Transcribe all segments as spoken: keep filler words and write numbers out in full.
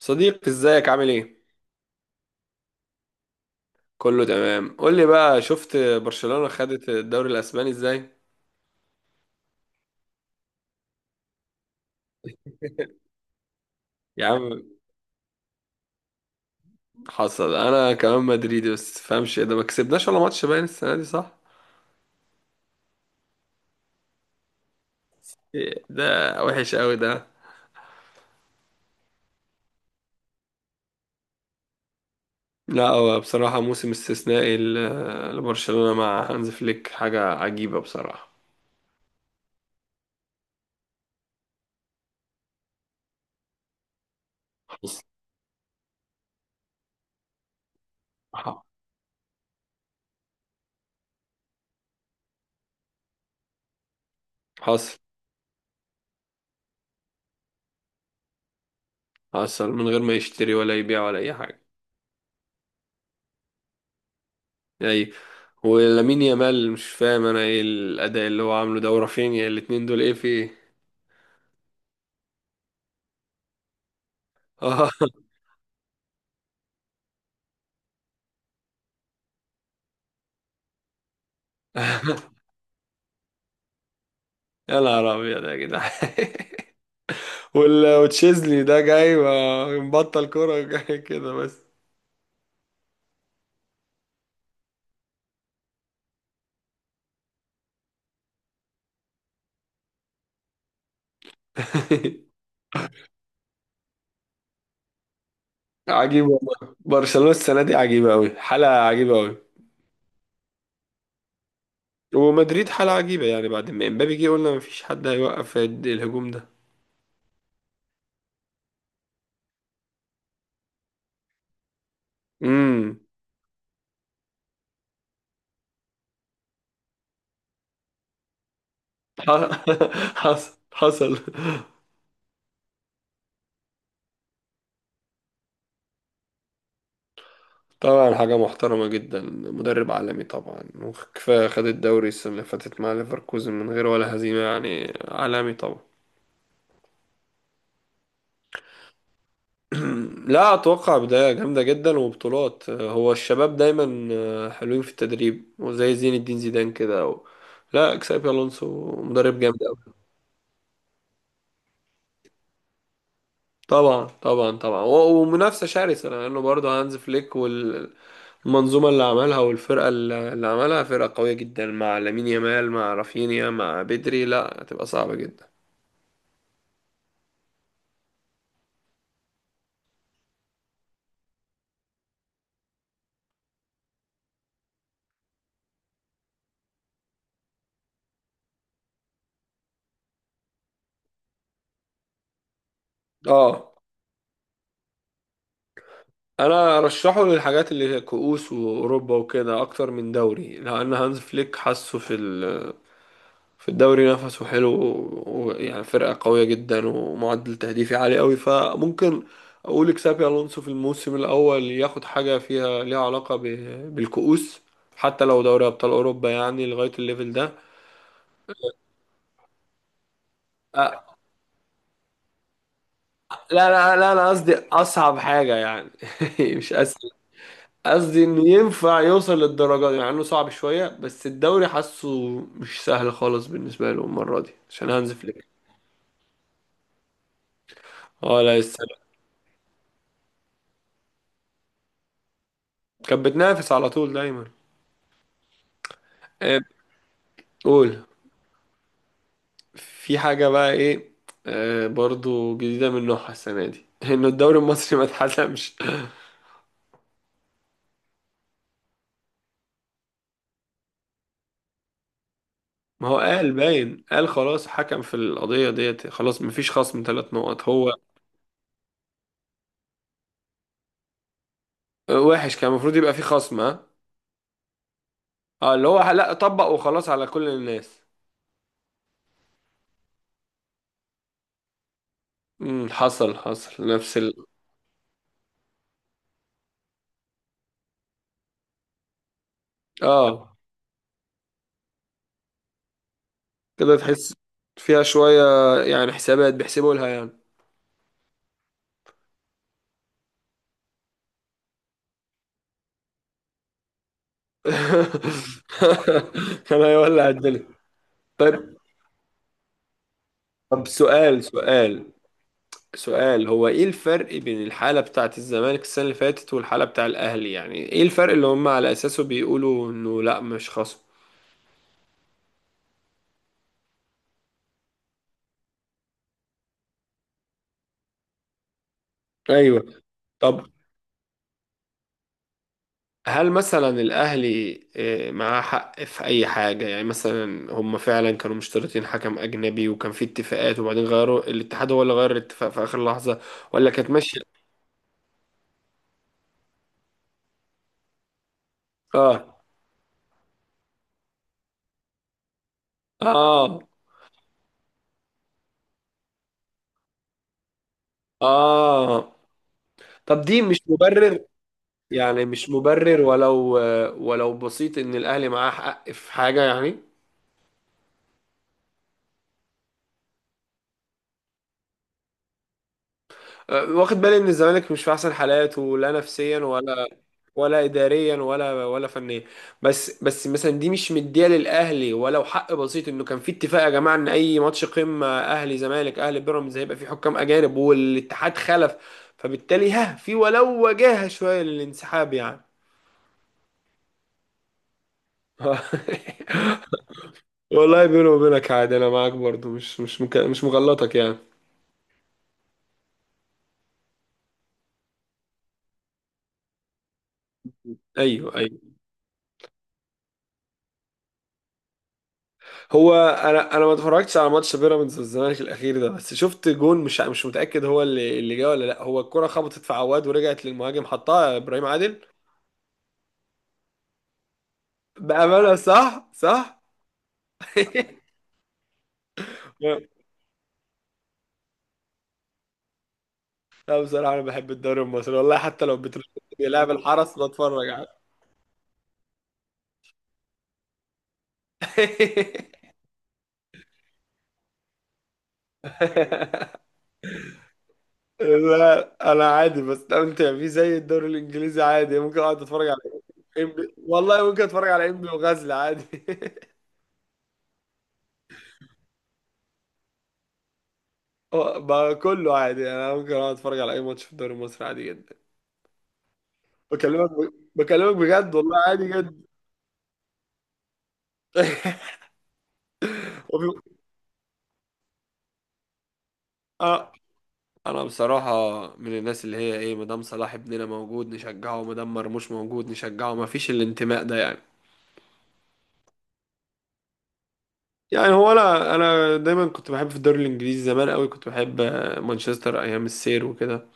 صديق، ازيك عامل ايه؟ كله تمام. قول لي بقى، شفت برشلونة خدت الدوري الاسباني ازاي؟ يا عم حصل، انا كمان مدريدي. بس تفهمش ده، ما كسبناش ولا ماتش باين السنة دي صح؟ إيه ده، وحش قوي ده. لا هو بصراحة موسم استثنائي ل- لبرشلونة مع هانز فليك، حاجة عجيبة بصراحة. حصل حصل حصل من غير ما يشتري ولا يبيع ولا اي حاجة. اي، ولامين يامال مش فاهم انا ايه الاداء اللي هو عامله ده، ورافينيا الاتنين دول ايه في ايه. يا نهار ابيض يا جدعان. وال- وتشيزني ده جاي ما- مبطل كوره، جاي كده بس. عجيب والله، برشلونه السنه دي عجيبه قوي، حاله عجيبه قوي. ومدريد حاله عجيبه، يعني بعد ما امبابي جه قلنا مفيش حد هيوقف الد- الهجوم ده. امم. حصل حصل. طبعا حاجه محترمه جدا، مدرب عالمي طبعا، وكفايه خد الدوري السنه اللي فاتت مع ليفركوزن من غير ولا هزيمه، يعني عالمي طبعا. لا، اتوقع بداية جامدة جدا وبطولات. هو الشباب دايما آه، حلوين في التدريب، وزي زين الدين زيدان كده و... لا، اكسابي الونسو مدرب جامد قوي. طبعا طبعا طبعا، و- ومنافسة شرسة، لانه يعني برضه هانز فليك والمنظومة اللي عملها، والفرقة اللي اللي عملها فرقة قوية جدا، مع لامين يامال مع رافينيا مع بدري، لا هتبقى صعبة جدا. اه، انا ارشحه للحاجات اللي هي كؤوس واوروبا وكده اكتر من دوري، لان هانز فليك حاسه في ال في الدوري نفسه حلو، ويعني فرقة قوية جدا، ومعدل تهديفي عالي قوي. فممكن أقول إكسابي ألونسو في الموسم الأول ياخد حاجة فيها ليها علاقة ب- بالكؤوس، حتى لو دوري أبطال أوروبا يعني، لغاية الليفل ده. أه، لا لا لا، أنا قصدي أصعب حاجة يعني، مش أسهل. قصدي إنه ينفع يوصل للدرجة دي، مع إنه صعب شوية، بس الدوري حاسه مش سهل خالص بالنسبة له المرة دي عشان هانز فليك. اه، لا السلام. كانت بتنافس على طول دايما. آه، قول. في حاجة بقى ايه. آه، برضو جديدة من نوعها السنة دي، انه الدوري المصري ما اتحسمش. ما هو قال باين، قال خلاص حكم في القضية ديت، خلاص مفيش خصم ثلاث نقط هو. آه، وحش، كان المفروض يبقى في خصم ها. اه، اللي هو لا طبق وخلاص على كل الناس. امم، حصل حصل، نفس ال... اه كده تحس فيها شوية، يعني حسابات بيحسبوا لها يعني. كان هيولع الدنيا. طيب، طب سؤال سؤال سؤال. هو ايه الفرق بين الحالة بتاعة الزمالك السنة اللي فاتت والحالة بتاع الاهلي؟ يعني ايه الفرق اللي هم على اساسه بيقولوا انه لا مش خصم؟ ايوه، طب هل مثلا الاهلي آه، معاه حق في اي حاجة؟ يعني مثلا هم فعلا كانوا مشترطين حكم اجنبي، وكان في اتفاقات، وبعدين غيروا، الاتحاد هو اللي غير الاتفاق في اخر لحظة؟ ولا كانت ماشية. اه. اه. اه طب دي مش مبرر، يعني مش مبرر، ولو ولو بسيط، ان الاهلي معاه حق في حاجه يعني. أه، واخد بالي ان الزمالك مش في احسن حالاته، لا نفسيا ولا ولا اداريا، ولا ولا فنيا. بس بس مثلا دي مش مديه للاهلي، ولو حق بسيط، انه كان في اتفاق يا جماعه، ان اي ماتش قمه اهلي زمالك اهلي بيراميدز هيبقى في حكام اجانب، والاتحاد خلف. فبالتالي ها في ولو وجاهه شويه للانسحاب يعني. والله بيني وبينك عادي، انا معاك برضو، مش مش مك... مش مغلطك يعني. ايوه ايوه. هو انا انا ما اتفرجتش على ماتش بيراميدز والزمالك الاخير ده، بس شفت جون، مش مش متاكد هو اللي اللي جه ولا لا. هو الكره خبطت في عواد ورجعت للمهاجم، حطها ابراهيم عادل. بامانه صح صح. لا بصراحه انا بحب الدوري المصري والله، حتى لو بتروح بيلعب الحرس بتفرج على لا انا عادي بستمتع فيه زي الدوري الانجليزي، عادي ممكن اقعد اتفرج على إنبي. والله ممكن اتفرج على انبي وغزل عادي. هو بقى كله عادي، انا ممكن اقعد اتفرج على اي ماتش في الدوري المصري عادي جدا. بكلمك ب... بكلمك بجد والله، عادي جدا. وفي... آه. انا بصراحة من الناس اللي هي ايه، مدام صلاح ابننا موجود نشجعه، مدام مرموش موجود نشجعه، ما فيش الانتماء ده يعني. يعني هو انا انا دايما كنت بحب في الدوري الانجليزي زمان قوي، كنت بحب آه، مانشستر ايام السير وكده.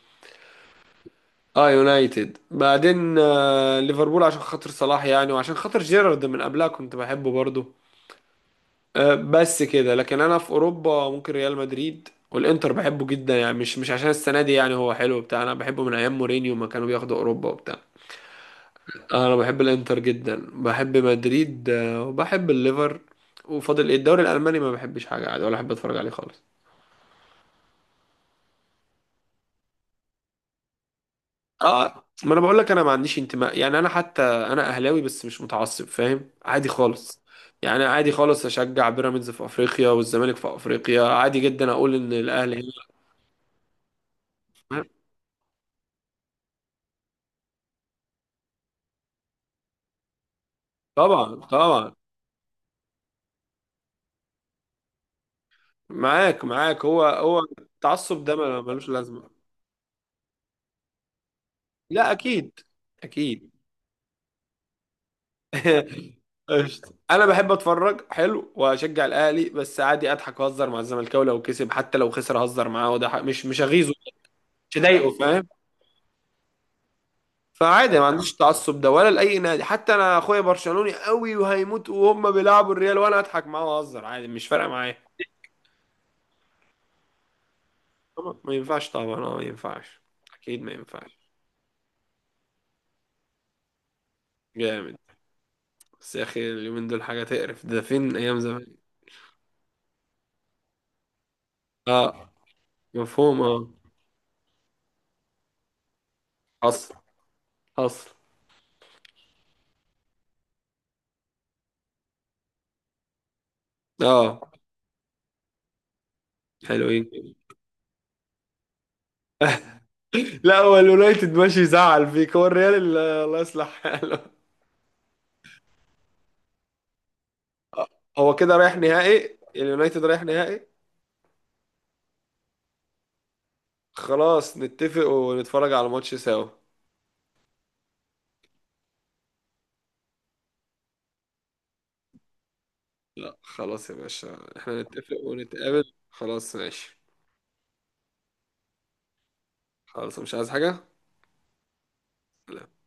اه يونايتد، بعدين آه ليفربول عشان خاطر صلاح يعني، وعشان خاطر جيرارد من قبلها كنت بحبه برضه. آه، بس كده. لكن انا في اوروبا، ممكن ريال مدريد والانتر بحبه جدا يعني، مش مش عشان السنه دي يعني، هو حلو بتاع. انا بحبه من ايام مورينيو، ما كانوا بياخدوا اوروبا وبتاع. انا بحب الانتر جدا، بحب مدريد آه، وبحب الليفر. وفاضل إيه؟ الدوري الالماني ما بحبش، حاجه عادي ولا احب اتفرج عليه خالص. اه ما انا بقول لك، انا ما عنديش انتماء يعني. انا حتى انا اهلاوي بس مش متعصب، فاهم، عادي خالص. يعني عادي خالص اشجع بيراميدز في افريقيا، والزمالك في افريقيا عادي جدا، اقول ان الاهلي. هنا. طبعا طبعا. معاك معاك، هو هو التعصب ده ما- ملوش لازمة. لا أكيد. أكيد. قشطة، أنا بحب أتفرج حلو وأشجع الأهلي، بس عادي أضحك وأهزر مع الزملكاوي لو كسب، حتى لو خسر أهزر معاه، وده حق- مش مش أغيظه، مش أضايقه، فاهم. فعادي، ما عنديش تعصب ده ولا لأي نادي. حتى أنا أخويا برشلوني قوي وهيموت، وهم بيلعبوا الريال وأنا أضحك معاه وأهزر عادي، مش فارقة معايا. طبعا ما ينفعش، طبعا اه ما ينفعش. أكيد ما ينفعش. جامد. بس يا أخي اليومين دول حاجة تقرف، ده فين أيام زمان. اه، مفهوم اه. حصل حصل. اه، حلوين. لا هو اليونايتد ماشي يزعل فيك، هو الريال اللي- الله يصلح حاله. آه، هو كده رايح نهائي، اليونايتد رايح نهائي. خلاص نتفق ونتفرج على الماتش سوا. لا خلاص يا باشا، احنا نتفق ونتقابل، خلاص ماشي. خلاص مش عايز حاجة. لا.